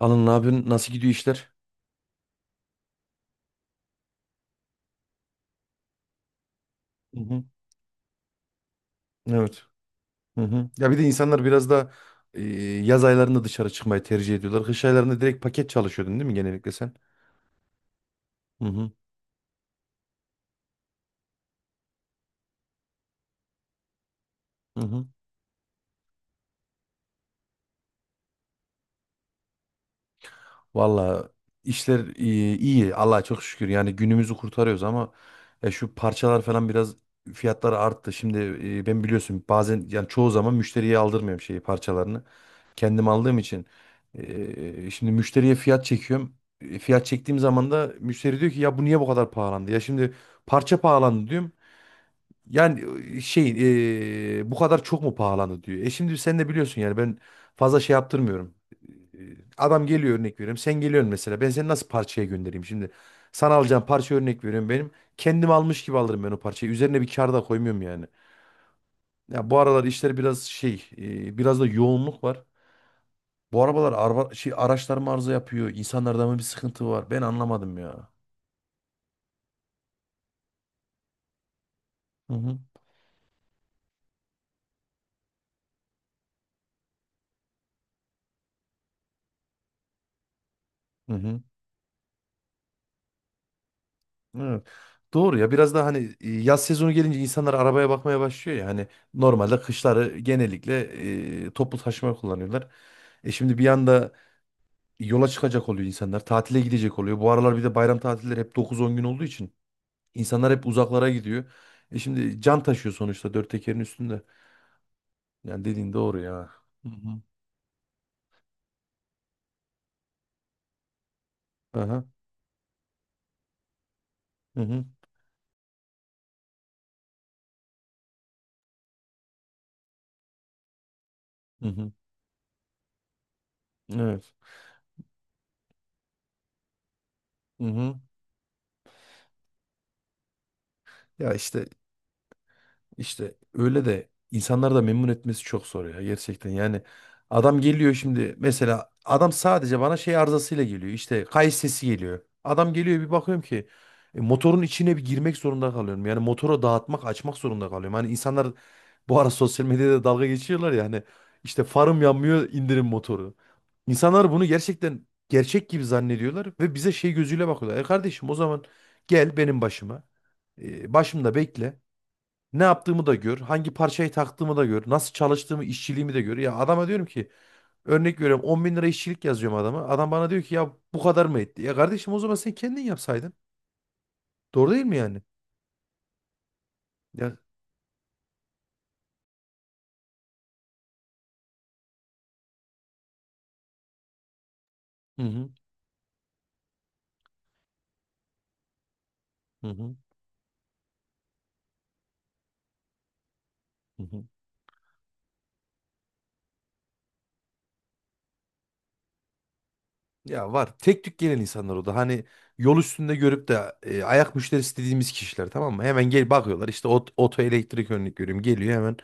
Alın ne yapıyorsun? Nasıl gidiyor işler? Hı hı. Evet. Hı hı. Ya bir de insanlar biraz da e, yaz aylarında dışarı çıkmayı tercih ediyorlar. Kış aylarında direkt paket çalışıyordun değil mi genellikle sen? Hı hı. Hı hı. Valla işler iyi, iyi. Allah'a çok şükür. Yani günümüzü kurtarıyoruz ama ya şu parçalar falan biraz fiyatları arttı. Şimdi ben biliyorsun bazen yani çoğu zaman müşteriye aldırmıyorum şeyi parçalarını. Kendim aldığım için şimdi müşteriye fiyat çekiyorum. Fiyat çektiğim zaman da müşteri diyor ki ya bu niye bu kadar pahalandı? Ya şimdi parça pahalandı diyorum. Yani şey bu kadar çok mu pahalandı diyor. E şimdi sen de biliyorsun yani ben fazla şey yaptırmıyorum. E, Adam geliyor örnek veriyorum. Sen geliyorsun mesela. Ben seni nasıl parçaya göndereyim şimdi? Sana alacağım parça örnek veriyorum benim. Kendim almış gibi alırım ben o parçayı. Üzerine bir kar da koymuyorum yani. Ya bu aralar işler biraz şey biraz da yoğunluk var. Bu arabalar araba, şey, araçlar mı arıza yapıyor? İnsanlarda mı bir sıkıntı var? Ben anlamadım ya. Hı hı. Hı hı. Evet. Doğru ya biraz daha hani yaz sezonu gelince insanlar arabaya bakmaya başlıyor ya hani normalde kışları genellikle toplu taşıma kullanıyorlar. E şimdi bir anda yola çıkacak oluyor insanlar tatile gidecek oluyor. Bu aralar bir de bayram tatilleri hep 9-10 gün olduğu için insanlar hep uzaklara gidiyor. E şimdi can taşıyor sonuçta dört tekerin üstünde. Yani dediğin doğru ya. Hı hı. Aha. Hı hı. Hı hı. Evet. Hı hı. Ya işte İşte öyle de insanları da memnun etmesi çok zor ya gerçekten. Yani adam geliyor şimdi mesela adam sadece bana şey arızasıyla geliyor. İşte kayış sesi geliyor. Adam geliyor bir bakıyorum ki motorun içine bir girmek zorunda kalıyorum. Yani motoru dağıtmak, açmak zorunda kalıyorum. Hani insanlar bu ara sosyal medyada dalga geçiyorlar ya hani işte farım yanmıyor indirin motoru. İnsanlar bunu gerçekten gerçek gibi zannediyorlar ve bize şey gözüyle bakıyorlar. E kardeşim o zaman gel benim başıma. Başımda bekle. Ne yaptığımı da gör. Hangi parçayı taktığımı da gör. Nasıl çalıştığımı, işçiliğimi de gör. Ya adama diyorum ki örnek veriyorum 10 bin lira işçilik yazıyorum adama. Adam bana diyor ki ya bu kadar mı etti? Ya kardeşim o zaman sen kendin yapsaydın. Doğru değil mi yani? Ya. Hı hı. Hı hı. Hı hı. Ya var. Tek tük gelen insanlar o da. Hani yol üstünde görüp de ayak müşterisi dediğimiz kişiler tamam mı? Hemen gel bakıyorlar. İşte ot, oto elektrik örnek görüyorum. Geliyor hemen.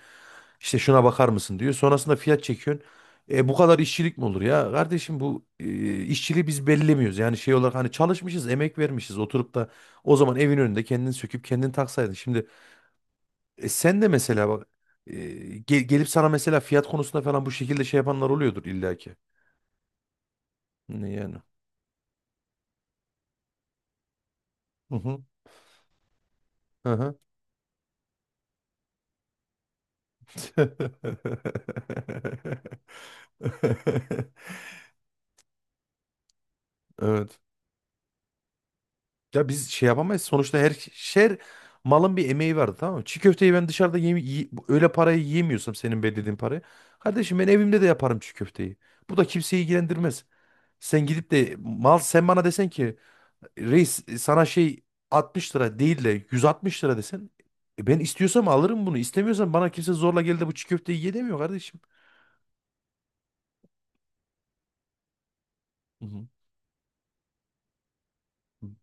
İşte şuna bakar mısın diyor. Sonrasında fiyat çekiyorsun. Bu kadar işçilik mi olur ya? Kardeşim bu işçiliği biz belirlemiyoruz. Yani şey olarak hani çalışmışız, emek vermişiz. Oturup da o zaman evin önünde kendini söküp kendini taksaydın. Şimdi sen de mesela bak e, gelip sana mesela fiyat konusunda falan bu şekilde şey yapanlar oluyordur illaki. Yani. Hı hı. Hı hı. Evet. Ya biz şey yapamayız. Sonuçta her şer malın bir emeği vardı tamam mı? Çiğ köfteyi ben dışarıda öyle parayı yiyemiyorsam senin belirlediğin parayı. Kardeşim ben evimde de yaparım çiğ köfteyi. Bu da kimseyi ilgilendirmez. Sen gidip de mal sen bana desen ki reis sana şey 60 lira değil de 160 lira desen ben istiyorsam alırım bunu. İstemiyorsam bana kimse zorla geldi bu çiğ köfteyi ye demiyor kardeşim. Hı hı.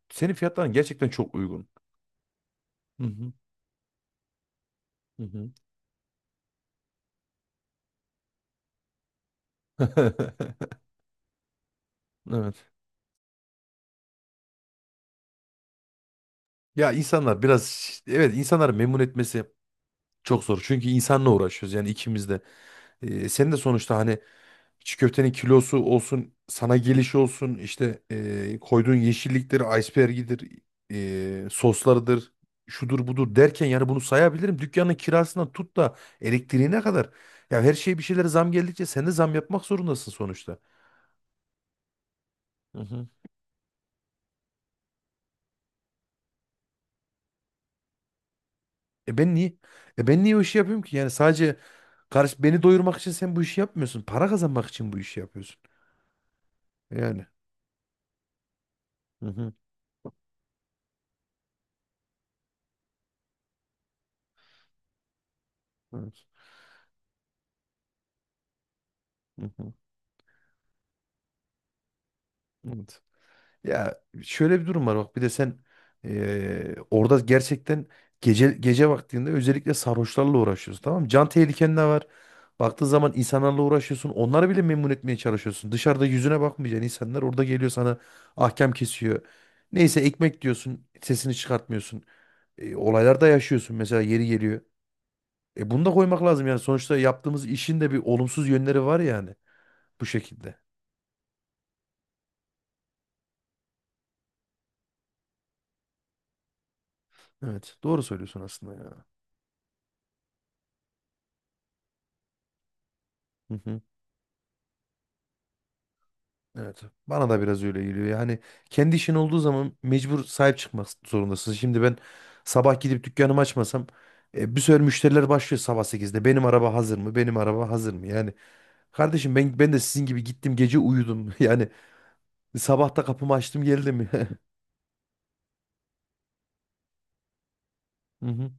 Senin fiyatların gerçekten çok uygun. Hı hı. Hı hı. Evet. Ya insanlar biraz evet insanları memnun etmesi çok zor. Çünkü insanla uğraşıyoruz yani ikimiz de. Sen de sonuçta hani çiğ köftenin kilosu olsun, sana gelişi olsun, işte koyduğun yeşillikleri, iceberg'idir, soslarıdır, şudur budur derken yani bunu sayabilirim. Dükkanın kirasından tut da elektriğine kadar. Ya her şeye bir şeylere zam geldikçe sen de zam yapmak zorundasın sonuçta. Hı hı. E ben niye? E ben niye o işi yapıyorum ki? Yani sadece Karış beni doyurmak için sen bu işi yapmıyorsun. Para kazanmak için bu işi yapıyorsun. Yani. Hı hı. Evet. Hı hı. Evet. Ya şöyle bir durum var bak bir de sen orada gerçekten gece gece vaktinde özellikle sarhoşlarla uğraşıyorsun tamam mı? Can tehliken de var. Baktığın zaman insanlarla uğraşıyorsun. Onları bile memnun etmeye çalışıyorsun. Dışarıda yüzüne bakmayacaksın insanlar orada geliyor sana ahkam kesiyor. Neyse ekmek diyorsun sesini çıkartmıyorsun. Olaylar da yaşıyorsun mesela yeri geliyor. E bunu da koymak lazım yani. Sonuçta yaptığımız işin de bir olumsuz yönleri var yani bu şekilde. Evet, doğru söylüyorsun aslında ya. Hı hı. Evet. Bana da biraz öyle geliyor. Yani kendi işin olduğu zaman mecbur sahip çıkmak zorundasın. Şimdi ben sabah gidip dükkanımı açmasam bir sürü müşteriler başlıyor sabah 8'de. Benim araba hazır mı? Benim araba hazır mı? Yani kardeşim ben de sizin gibi gittim gece uyudum. Yani sabah da kapımı açtım geldim. Hı hı.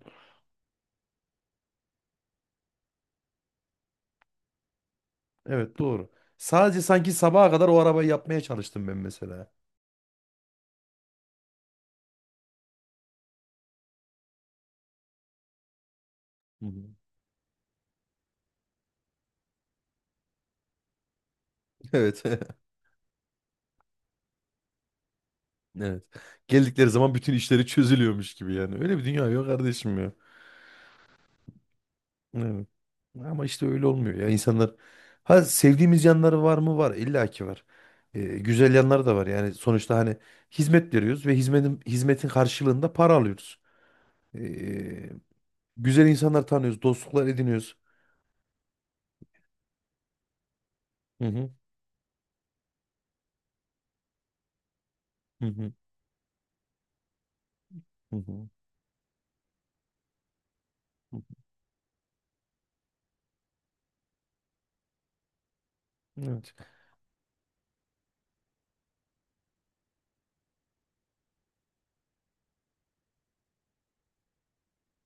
Evet doğru. Sadece sanki sabaha kadar o arabayı yapmaya çalıştım ben mesela. Hı hı. Evet. Evet. Geldikleri zaman bütün işleri çözülüyormuş gibi yani. Öyle bir dünya yok kardeşim ya. Evet. Ama işte öyle olmuyor ya. İnsanlar ha sevdiğimiz yanları var mı? Var. İlla ki var. Güzel yanları da var. Yani sonuçta hani hizmet veriyoruz ve hizmetin karşılığında para alıyoruz. Ee, Güzel insanlar tanıyoruz, dostluklar ediniyoruz. Hı hı. Hı hı. Hı hı. Evet.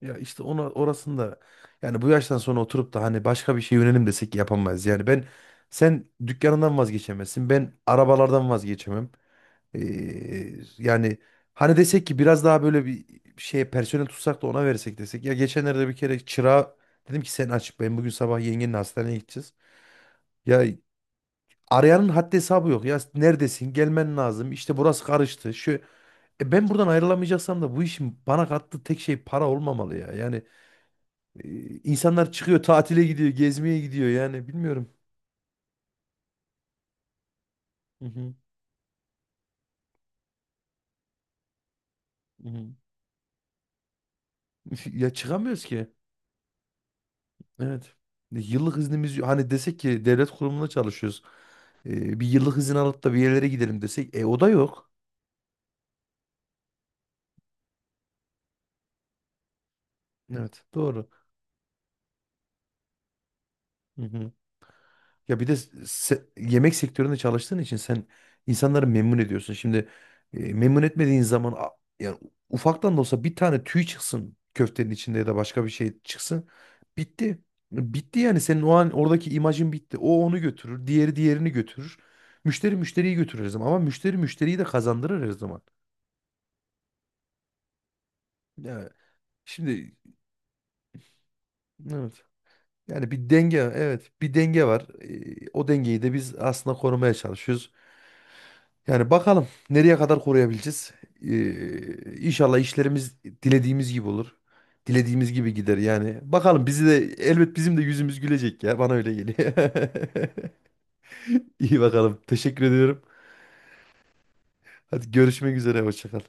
Ya işte ona orasında yani bu yaştan sonra oturup da hani başka bir şey yönelim desek yapamayız. Yani ben sen dükkanından vazgeçemezsin. Ben arabalardan vazgeçemem. Yani hani desek ki biraz daha böyle bir şey personel tutsak da ona versek desek. Ya geçenlerde bir kere çırağa dedim ki sen aç ben bugün sabah yengenle hastaneye gideceğiz. Ya arayanın haddi hesabı yok. Ya neredesin? Gelmen lazım. İşte burası karıştı. Şu e Ben buradan ayrılamayacaksam da bu işin bana kattığı tek şey para olmamalı ya. Yani insanlar çıkıyor, tatile gidiyor, gezmeye gidiyor yani bilmiyorum. Hı hı, hı hı. Ya çıkamıyoruz ki. Evet. Yıllık iznimiz hani desek ki devlet kurumunda çalışıyoruz. Bir yıllık izin alıp da bir yerlere gidelim desek e o da yok. Evet, doğru. Ya bir de yemek sektöründe çalıştığın için sen insanları memnun ediyorsun. Şimdi memnun etmediğin zaman yani ufaktan da olsa bir tane tüy çıksın köftenin içinde ya da başka bir şey çıksın. Bitti. Bitti yani senin o an oradaki imajın bitti. O onu götürür, diğeri diğerini götürür. Müşteri müşteriyi götürür her zaman ama müşteri müşteriyi de kazandırır her zaman. Ya şimdi evet. Yani bir denge evet bir denge var. O dengeyi de biz aslında korumaya çalışıyoruz. Yani bakalım nereye kadar koruyabileceğiz. İnşallah işlerimiz dilediğimiz gibi olur. Dilediğimiz gibi gider yani. Bakalım bizi de elbet bizim de yüzümüz gülecek ya. Bana öyle geliyor. İyi bakalım. Teşekkür ediyorum. Hadi görüşmek üzere. Hoşça kal.